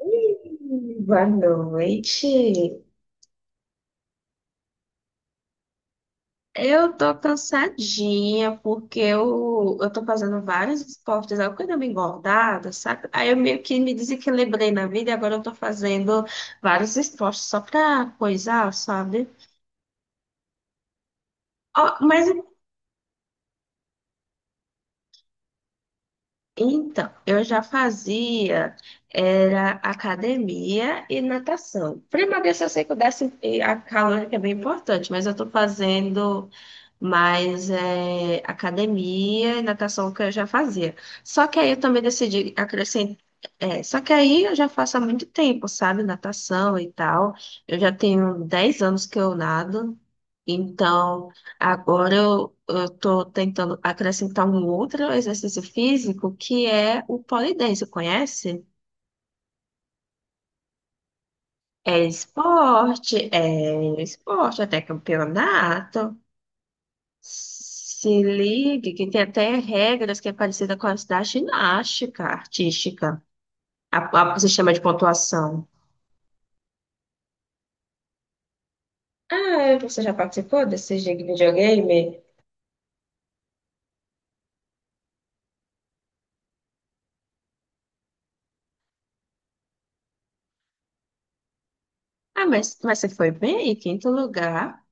Oi, boa noite. Eu tô cansadinha porque eu tô fazendo vários esportes, eu quero me engordada, sabe? Aí eu meio que me desequilibrei na vida e agora eu tô fazendo vários esportes só pra coisar, sabe? Ó, mas então, eu já fazia era academia e natação. Para emagrecer, eu sei que o déficit e a calórica é bem importante, mas eu estou fazendo mais academia e natação que eu já fazia. Só que aí eu também decidi acrescentar. É, só que aí eu já faço há muito tempo, sabe? Natação e tal. Eu já tenho 10 anos que eu nado. Então, agora eu estou tentando acrescentar um outro exercício físico que é o pole dance, conhece? É esporte, é um esporte, até campeonato. Se ligue, que tem até regras que é parecida com as da ginástica artística. O sistema de pontuação. Ah, você já participou desse jogo de videogame? Ah, mas você foi bem, em quinto lugar.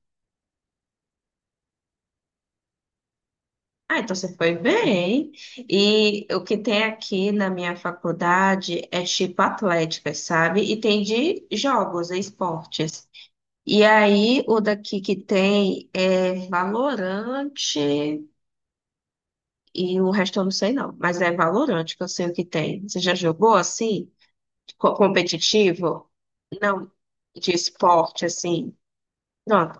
Ah, então você foi bem. E o que tem aqui na minha faculdade é tipo atlética, sabe? E tem de jogos, e esportes. E aí o daqui que tem é Valorante e o resto eu não sei não, mas é Valorante que eu sei o que tem. Você já jogou assim? Competitivo? Não, de esporte assim. Pronto.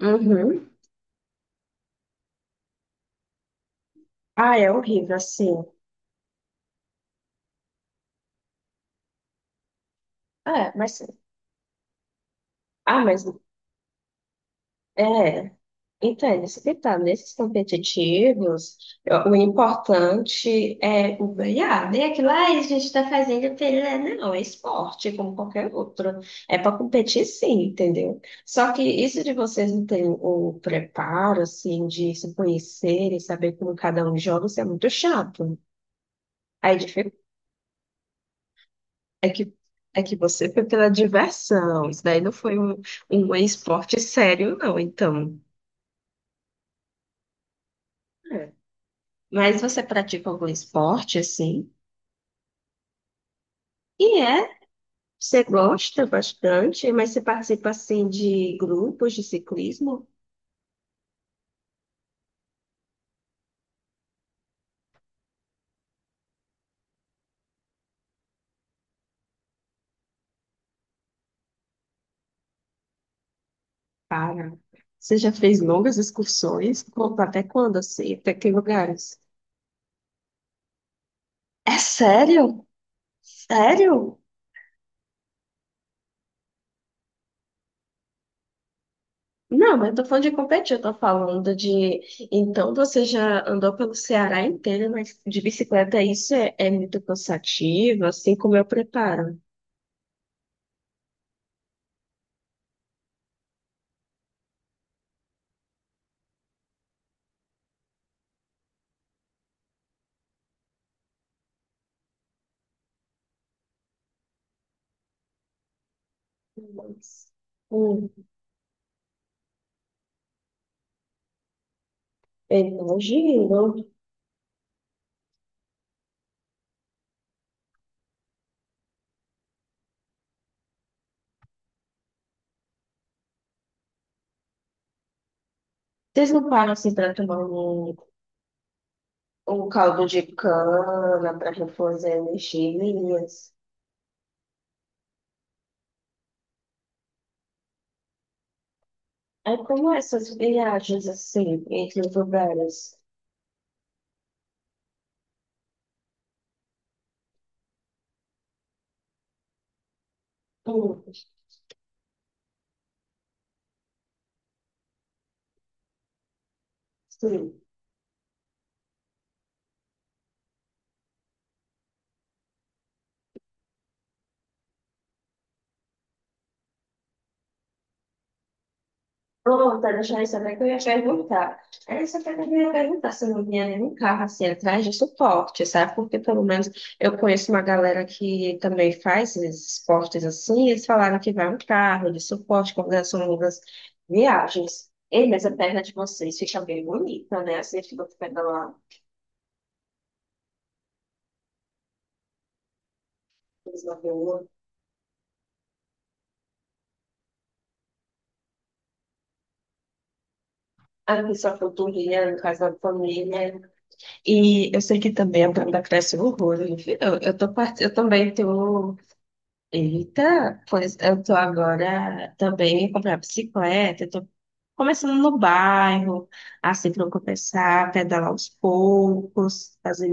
Uhum. Ah, é horrível, assim. É, mas. Ah, mas. É. Então, é isso que tá. Nesses competitivos, o importante é o ganhar, né? Aquilo, ah, a gente está fazendo pela... Não, é esporte, como qualquer outro. É para competir, sim, entendeu? Só que isso de vocês não terem o preparo, assim, de se conhecer e saber como cada um joga, isso é muito chato. Aí dific- é que, é que você foi pela diversão. Isso daí não foi um esporte sério, não, então. É. Mas você pratica algum esporte, assim? E é, você gosta bastante, mas você participa assim de grupos de ciclismo? Para. Você já fez longas excursões? Conta até quando assim? Até que lugares? É sério? Sério? Não, mas eu tô falando de competir, eu tô falando de. Então você já andou pelo Ceará inteiro, mas de bicicleta isso é muito cansativo, assim como eu preparo. Nossa. Hum, eu imagino. Vocês não param assim para tomar um caldo de cana para reforçar energias. Aí como essas viagens assim, entre os lugares? Hum, sim. Pronto, deixa eu saber que eu ia perguntar. Aí você até ia perguntar se não vinha nenhum carro assim atrás de suporte, sabe? Porque pelo menos eu conheço uma galera que também faz esses esportes assim, e eles falaram que vai um carro de suporte quando são longas viagens. Ei, mas a perna de vocês fica bem bonita, né? Assim, fica pegando lá. Aqui só coturno, casa de família. E eu sei que também a banda cresce horror. Enfim, tô part... eu também tô. Eita, pois eu tô agora também comprando bicicleta. Eu tô começando no bairro, assim, pra eu começar a pedalar aos poucos. Fazer...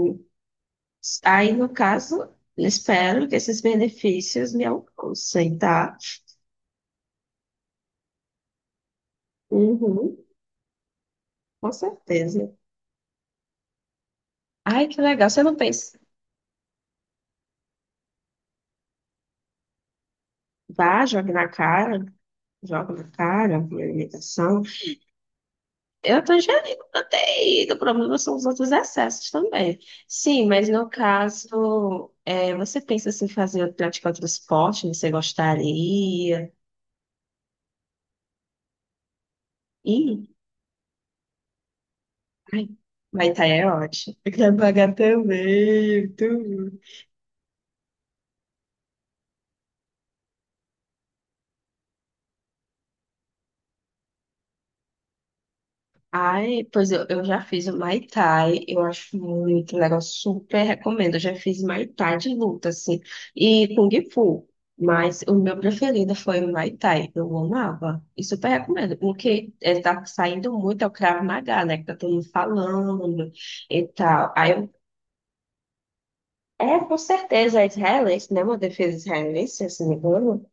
Aí, no caso, espero que esses benefícios me alcancem, tá? Uhum, com certeza. Ai, que legal. Você não pensa. Vá, jogue na cara. Joga na cara, a alimentação. Eu tô ingerindo proteína, o problema são os outros excessos também. Sim, mas no caso, é, você pensa assim, fazer praticar outro esporte, você gostaria? Ih, ai, vai estar é ótimo. Eu quero pagar também, tudo. Ai, pois eu já fiz o Muay Thai, eu acho muito legal, super recomendo. Eu já fiz Muay Thai de luta, assim, e Kung Fu, mas o meu preferido foi o Muay Thai, eu amava, e super recomendo. O que está saindo muito é o Krav Maga, né, que tá todo mundo falando e tal. Aí eu, é, com certeza, é israelense, né, uma defesa israelense, se não me engano.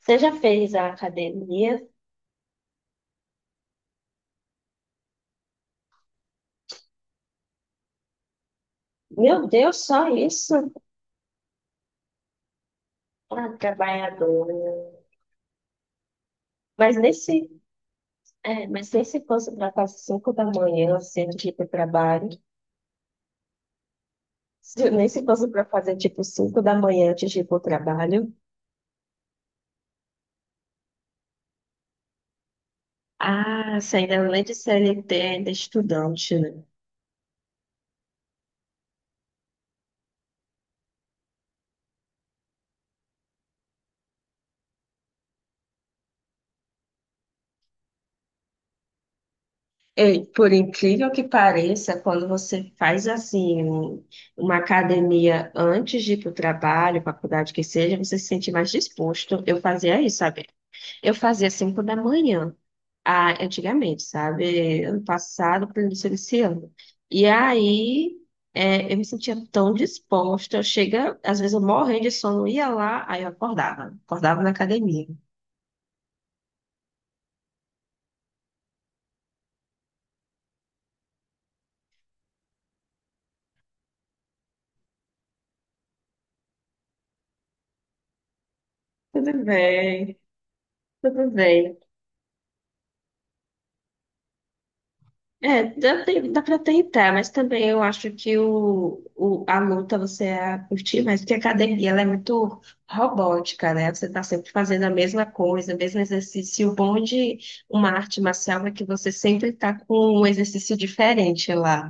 Você já fez a academia? Meu Deus, só isso? Ah, trabalhador. Mas nesse é, mas nem se fosse para fazer 5 da manhã, assim, antes de ir para o trabalho. Nem se fosse para fazer, tipo, 5 da manhã antes de ir para o trabalho. Ah, se ainda além de CLT, ainda é estudante, né? Ei, por incrível que pareça, quando você faz, assim, uma academia antes de ir para o trabalho, faculdade que seja, você se sente mais disposto. Eu fazia isso, sabe? Eu fazia 5 da manhã. Ah, antigamente, sabe? Ano passado, para início desse ano. E aí, é, eu me sentia tão disposta. Chega, às vezes eu morrendo de sono, ia lá, aí eu acordava. Acordava na academia. Tudo bem, tudo bem. É, dá, dá pra tentar, mas também eu acho que a luta você ia curtir mais, porque a academia ela é muito robótica, né? Você tá sempre fazendo a mesma coisa, o mesmo exercício. E o bom de uma arte marcial é que você sempre tá com um exercício diferente lá.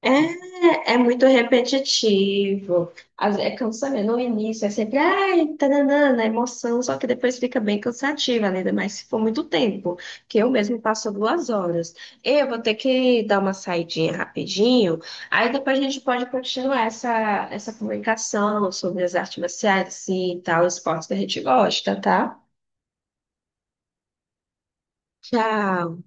É, é muito repetitivo. É cansativo. No início é sempre, ai, tananana, emoção, só que depois fica bem cansativa, né? Ainda mais se for muito tempo, que eu mesmo passo 2 horas. Eu vou ter que dar uma saidinha rapidinho, aí depois a gente pode continuar essa comunicação sobre as artes marciais assim, e tal, esportes que a gente gosta, tá? Tchau.